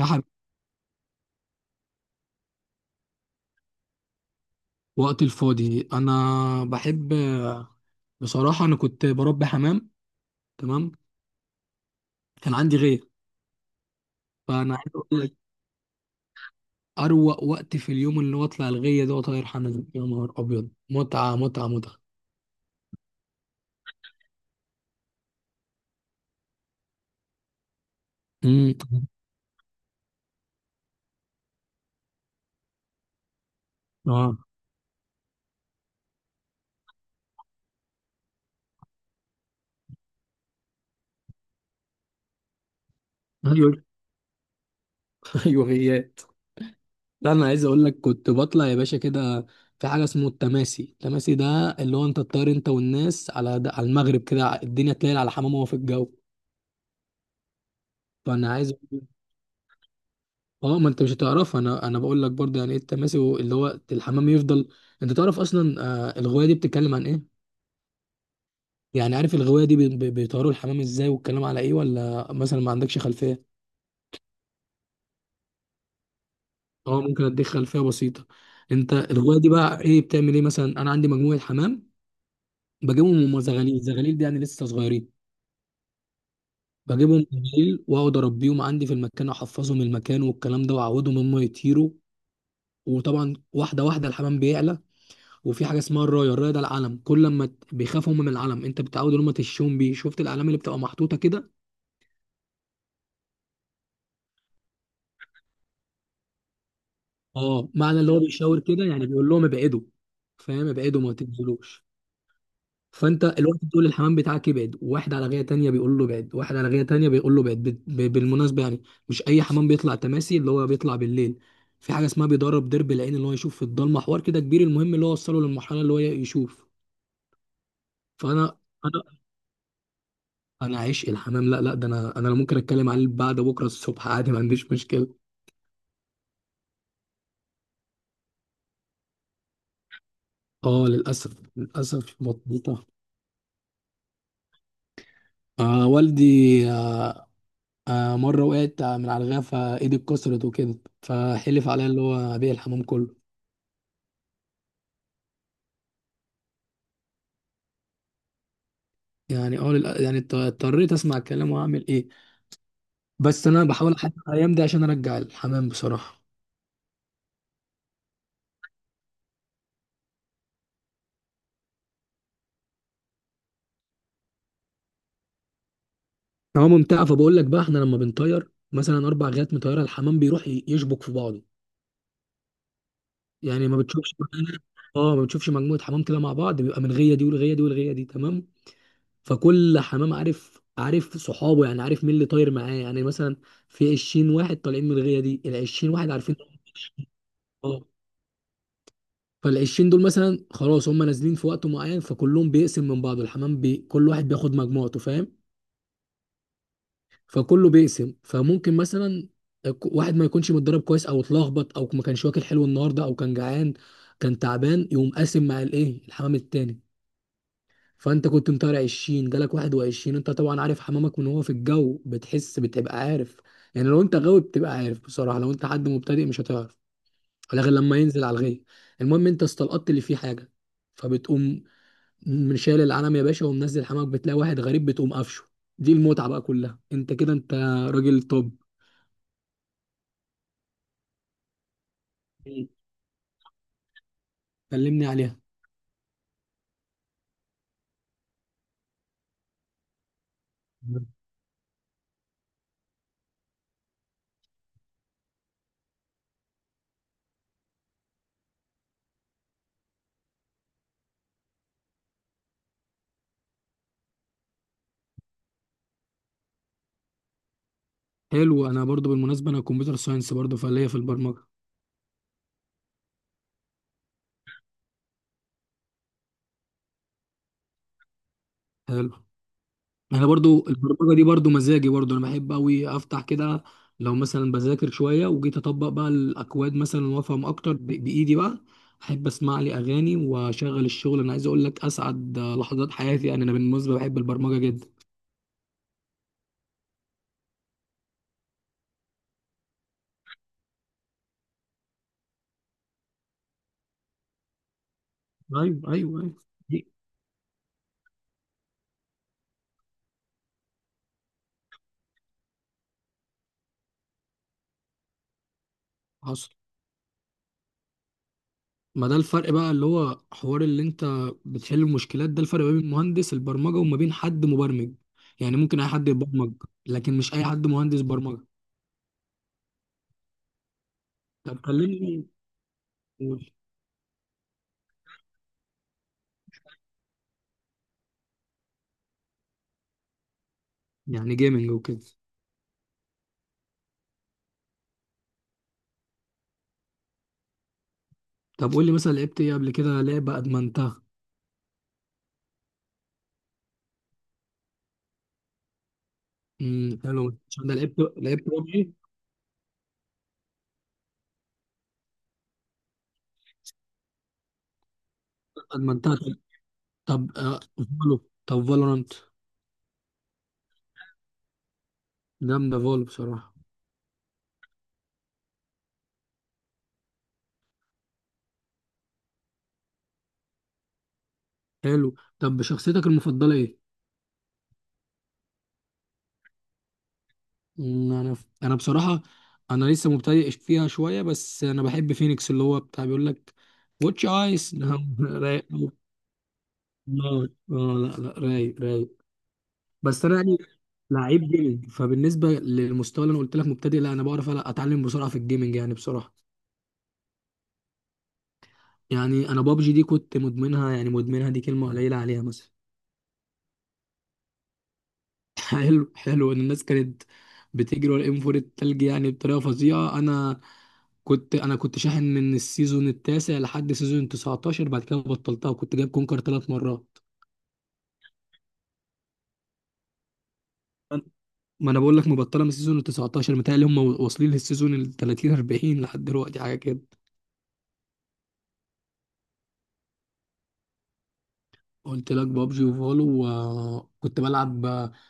يا حبيبي. وقت الفاضي انا بحب، بصراحه انا كنت بربي حمام. تمام، كان عندي غيه. فانا عايز اقول لك اروق وقت في اليوم اللي هو اطلع الغيه ده واطير حمام، يا نهار ابيض، متعه متعه متعه. امم، اه، ايوه. ايوه غيات. لا انا عايز اقول لك كنت بطلع يا باشا كده، في حاجه اسمه التماسي. التماسي ده اللي هو انت تطير انت والناس على ده، على المغرب كده، الدنيا تليل على حمام وهو في الجو. فانا عايز، اه ما انت مش هتعرفها، انا بقول لك برضه يعني ايه التماسي. اللي هو الحمام يفضل، انت تعرف اصلا آه الغوايه دي بتتكلم عن ايه؟ يعني عارف الغوايه دي بيطيروا الحمام ازاي والكلام على ايه، ولا مثلا ما عندكش خلفيه؟ اه ممكن اديك خلفيه بسيطه. انت الغوايه دي بقى ايه، بتعمل ايه؟ مثلا انا عندي مجموعه حمام، بجيبهم هم زغاليل. زغاليل دي يعني لسه صغيرين. بجيبهم بالليل واقعد اربيهم عندي في المكان، احفظهم المكان والكلام ده واعودهم هم يطيروا. وطبعا واحده واحده الحمام بيعلى. وفي حاجه اسمها الرايه. الرايه ده العلم، كل لما بيخافوا هم من العلم، انت بتعود ان هم تشوم بيه. شفت الاعلام اللي بتبقى محطوطه كده؟ اه، معنى اللي هو بيشاور كده يعني بيقول لهم ابعدوا. فاهم؟ ابعدوا ما تنزلوش. فانت الواحد بتقول للحمام بتاعك ابعد، واحد على غايه تانيه بيقول له ابعد، واحد على غايه تانيه بيقول له ابعد. بالمناسبه يعني مش اي حمام بيطلع تماسي. اللي هو بيطلع بالليل، في حاجه اسمها بيدرب درب العين، اللي هو يشوف في الضلمه. حوار كده كبير، المهم اللي هو وصله للمرحله اللي هو يشوف. فانا انا انا عشق الحمام. لا لا، ده انا ممكن اتكلم عليه بعد بكره الصبح عادي، ما عنديش مشكله. اه للاسف، للاسف مضبوطه. آه والدي، آه، مره وقعت من على الغفا، ايدي اتكسرت وكده، فحلف عليا اللي هو ابيع الحمام كله. يعني اه يعني اضطريت اسمع الكلام، واعمل ايه. بس انا بحاول احدد الايام دي عشان ارجع الحمام بصراحه. هو ممتعه، فبقول لك بقى احنا لما بنطير مثلا اربع غيات مطيره، الحمام بيروح يشبك في بعضه. يعني ما بتشوفش، اه ما بتشوفش مجموعه حمام كده مع بعض بيبقى من غيه دي والغيه دي والغيه دي. تمام. فكل حمام عارف عارف صحابه، يعني عارف مين اللي طاير معاه. يعني مثلا في 20 واحد طالعين من الغيه دي، ال 20 واحد عارفين. اه، فال 20 دول مثلا خلاص هم نازلين في وقت معين، فكلهم بيقسم من بعض. الحمام كل واحد بياخد مجموعته، فاهم؟ فكله بيقسم. فممكن مثلا واحد ما يكونش متدرب كويس، او اتلخبط، او ما كانش واكل حلو النهارده، او كان جعان، كان تعبان، يقوم قاسم مع الايه، الحمام التاني. فانت كنت مطالع 20، جالك 21. انت طبعا عارف حمامك من هو في الجو، بتحس، بتبقى عارف. يعني لو انت غاوي بتبقى عارف بصراحه، لو انت حد مبتدئ مش هتعرف ولا غير لما ينزل على الغيه. المهم انت استلقطت اللي فيه حاجه، فبتقوم من شايل العلم يا باشا ومنزل حمامك، بتلاقي واحد غريب بتقوم قفشه. دي المتعه بقى كلها. انت كده انت راجل توب. كلمني عليها. حلو، انا برضو بالمناسبه انا كمبيوتر ساينس برضو، فليا في البرمجه. حلو، انا برضو البرمجه دي برضو مزاجي، برضو انا بحب قوي افتح كده لو مثلا بذاكر شويه وجيت اطبق بقى الاكواد مثلا وافهم اكتر بايدي بقى. احب اسمع لي اغاني واشغل الشغل. انا عايز اقول لك اسعد لحظات حياتي، يعني انا بالمناسبه بحب البرمجه جدا. ايوه ايوه ايوه، دي حصل. ما ده الفرق بقى، اللي هو حوار اللي انت بتحل المشكلات، ده الفرق ما بين مهندس البرمجه وما بين حد مبرمج. يعني ممكن اي حد يبرمج، لكن مش اي حد مهندس برمجه. طب كلمني، قول. يعني جيمنج وكده؟ طب قول لي مثلا لعبت ايه قبل كده، لعبه ادمنتها. امم، حلو. عشان ده لعبت، لعبت روبجي ايه ادمنتها؟ طب، طب، فالو. طب فالورانت؟ جامده فالو بصراحه. حلو، طب شخصيتك المفضله ايه؟ انا، بصراحه انا لسه مبتدئ فيها شويه، بس انا بحب فينيكس، اللي هو بتاع بيقول لك واتش ايس. رايق أوي. لا، لا لا، رايق رايق. بس انا يعني لعيب جيمنج، فبالنسبه للمستوى اللي انا قلت لك مبتدئ، لا انا بعرف اتعلم بسرعه في الجيمنج يعني بصراحه. يعني انا بابجي دي كنت مدمنها. يعني مدمنها دي كلمه قليله عليها مثلا. حلو حلو، ان الناس كانت بتجري ورا الام 4 التلج يعني بطريقه فظيعه. انا كنت شاحن من السيزون التاسع لحد سيزون 19، بعد كده بطلتها، وكنت جايب كونكر 3 مرات. ما انا بقول لك مبطله من السيزون ال 19، متهيألي هم واصلين للسيزون ال 30، 40 لحد دلوقتي حاجه كده. قلت لك بابجي وفولو، وكنت بلعب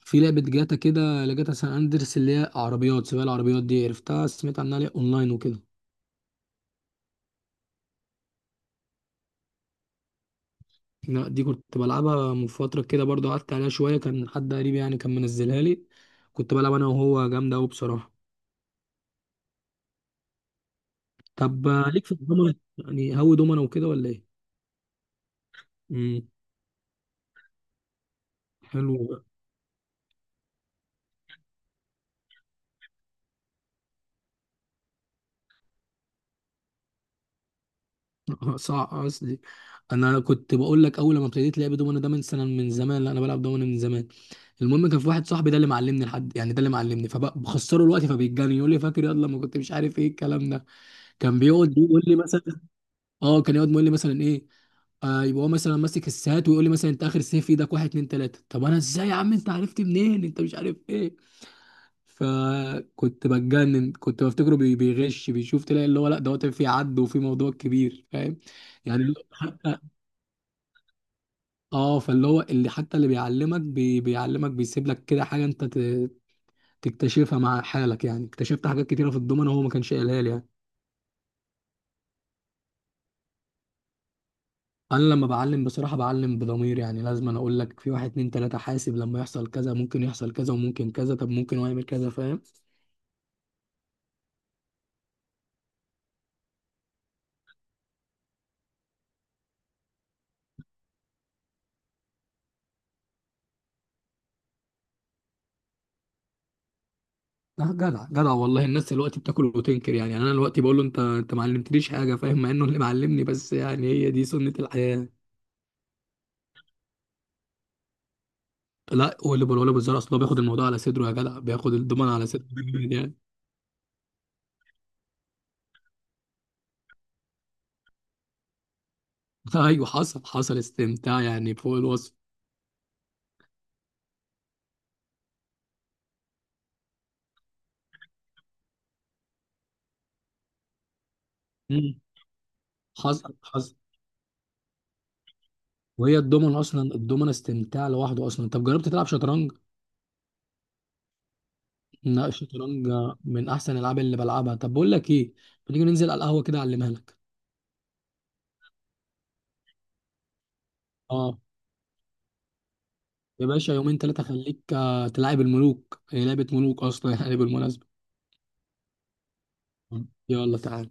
في لعبة جاتا كده، لجاتا سان اندرس اللي هي عربيات سباق. العربيات دي عرفتها؟ سمعت عنها ليه اونلاين وكده؟ لا دي كنت بلعبها من فترة كده برضو، قعدت عليها شوية، كان حد قريب يعني كان منزلها لي، كنت بلعب انا وهو، جامدة قوي بصراحة. طب ليك في الدومنة؟ يعني هوي دومنة وكده ولا ايه؟ امم، حلو. صح، قصدي انا كنت بقول لك اول ما ابتديت لعب دومنه ده من سنه، من زمان، لا انا بلعب دومنه من زمان. المهم كان في واحد صاحبي ده اللي معلمني لحد يعني، ده اللي معلمني، فبخسره الوقت فبيتجنن، يقول لي فاكر، يلا ما كنت مش عارف ايه الكلام ده. كان بيقعد يقول لي مثلا، اه كان يقعد يقول لي مثلا ايه، آه يبقى هو مثلا ماسك السات ويقول لي مثلا انت اخر سيف في ايدك واحد اتنين تلاته. طب انا ازاي يا عم انت عرفت منين، انت مش عارف ايه؟ فكنت بتجنن، كنت بفتكره بيغش بيشوف. تلاقي اللي هو لا، دوت في عد وفي موضوع كبير، فاهم؟ يعني اه فاللي هو، اللي حتى اللي بيعلمك بيعلمك بيسيب لك كده حاجه انت تكتشفها مع حالك. يعني اكتشفت حاجات كتيره في الضمنه هو ما كانش قايلها لي يعني. انا لما بعلم بصراحه بعلم بضمير، يعني لازم أنا اقول لك في واحد اتنين تلاته، حاسب لما يحصل كذا ممكن يحصل كذا وممكن كذا، طب ممكن هو يعمل كذا، فاهم؟ لا جدع جدع والله. الناس دلوقتي بتاكل وتنكر يعني. يعني انا دلوقتي بقول له انت ما علمتنيش حاجه فاهم، مع انه اللي معلمني، بس يعني هي دي سنه الحياه. لا واللي بقوله بالزرع، اصل هو بياخد الموضوع على صدره، يا جدع بياخد الضمان على صدره. ايوه، حصل حصل استمتاع يعني فوق الوصف. مم. حصل حصل. وهي الدومنة اصلا، الدومنة استمتاع لوحده اصلا. طب جربت تلعب شطرنج؟ لا، الشطرنج من احسن الالعاب اللي بلعبها. طب بقول لك ايه، ما تيجي ننزل على القهوة كده اعلمها لك. اه، يا باشا يومين ثلاثة خليك تلعب الملوك. هي لعبة ملوك اصلا يعني بالمناسبة. يلا تعال.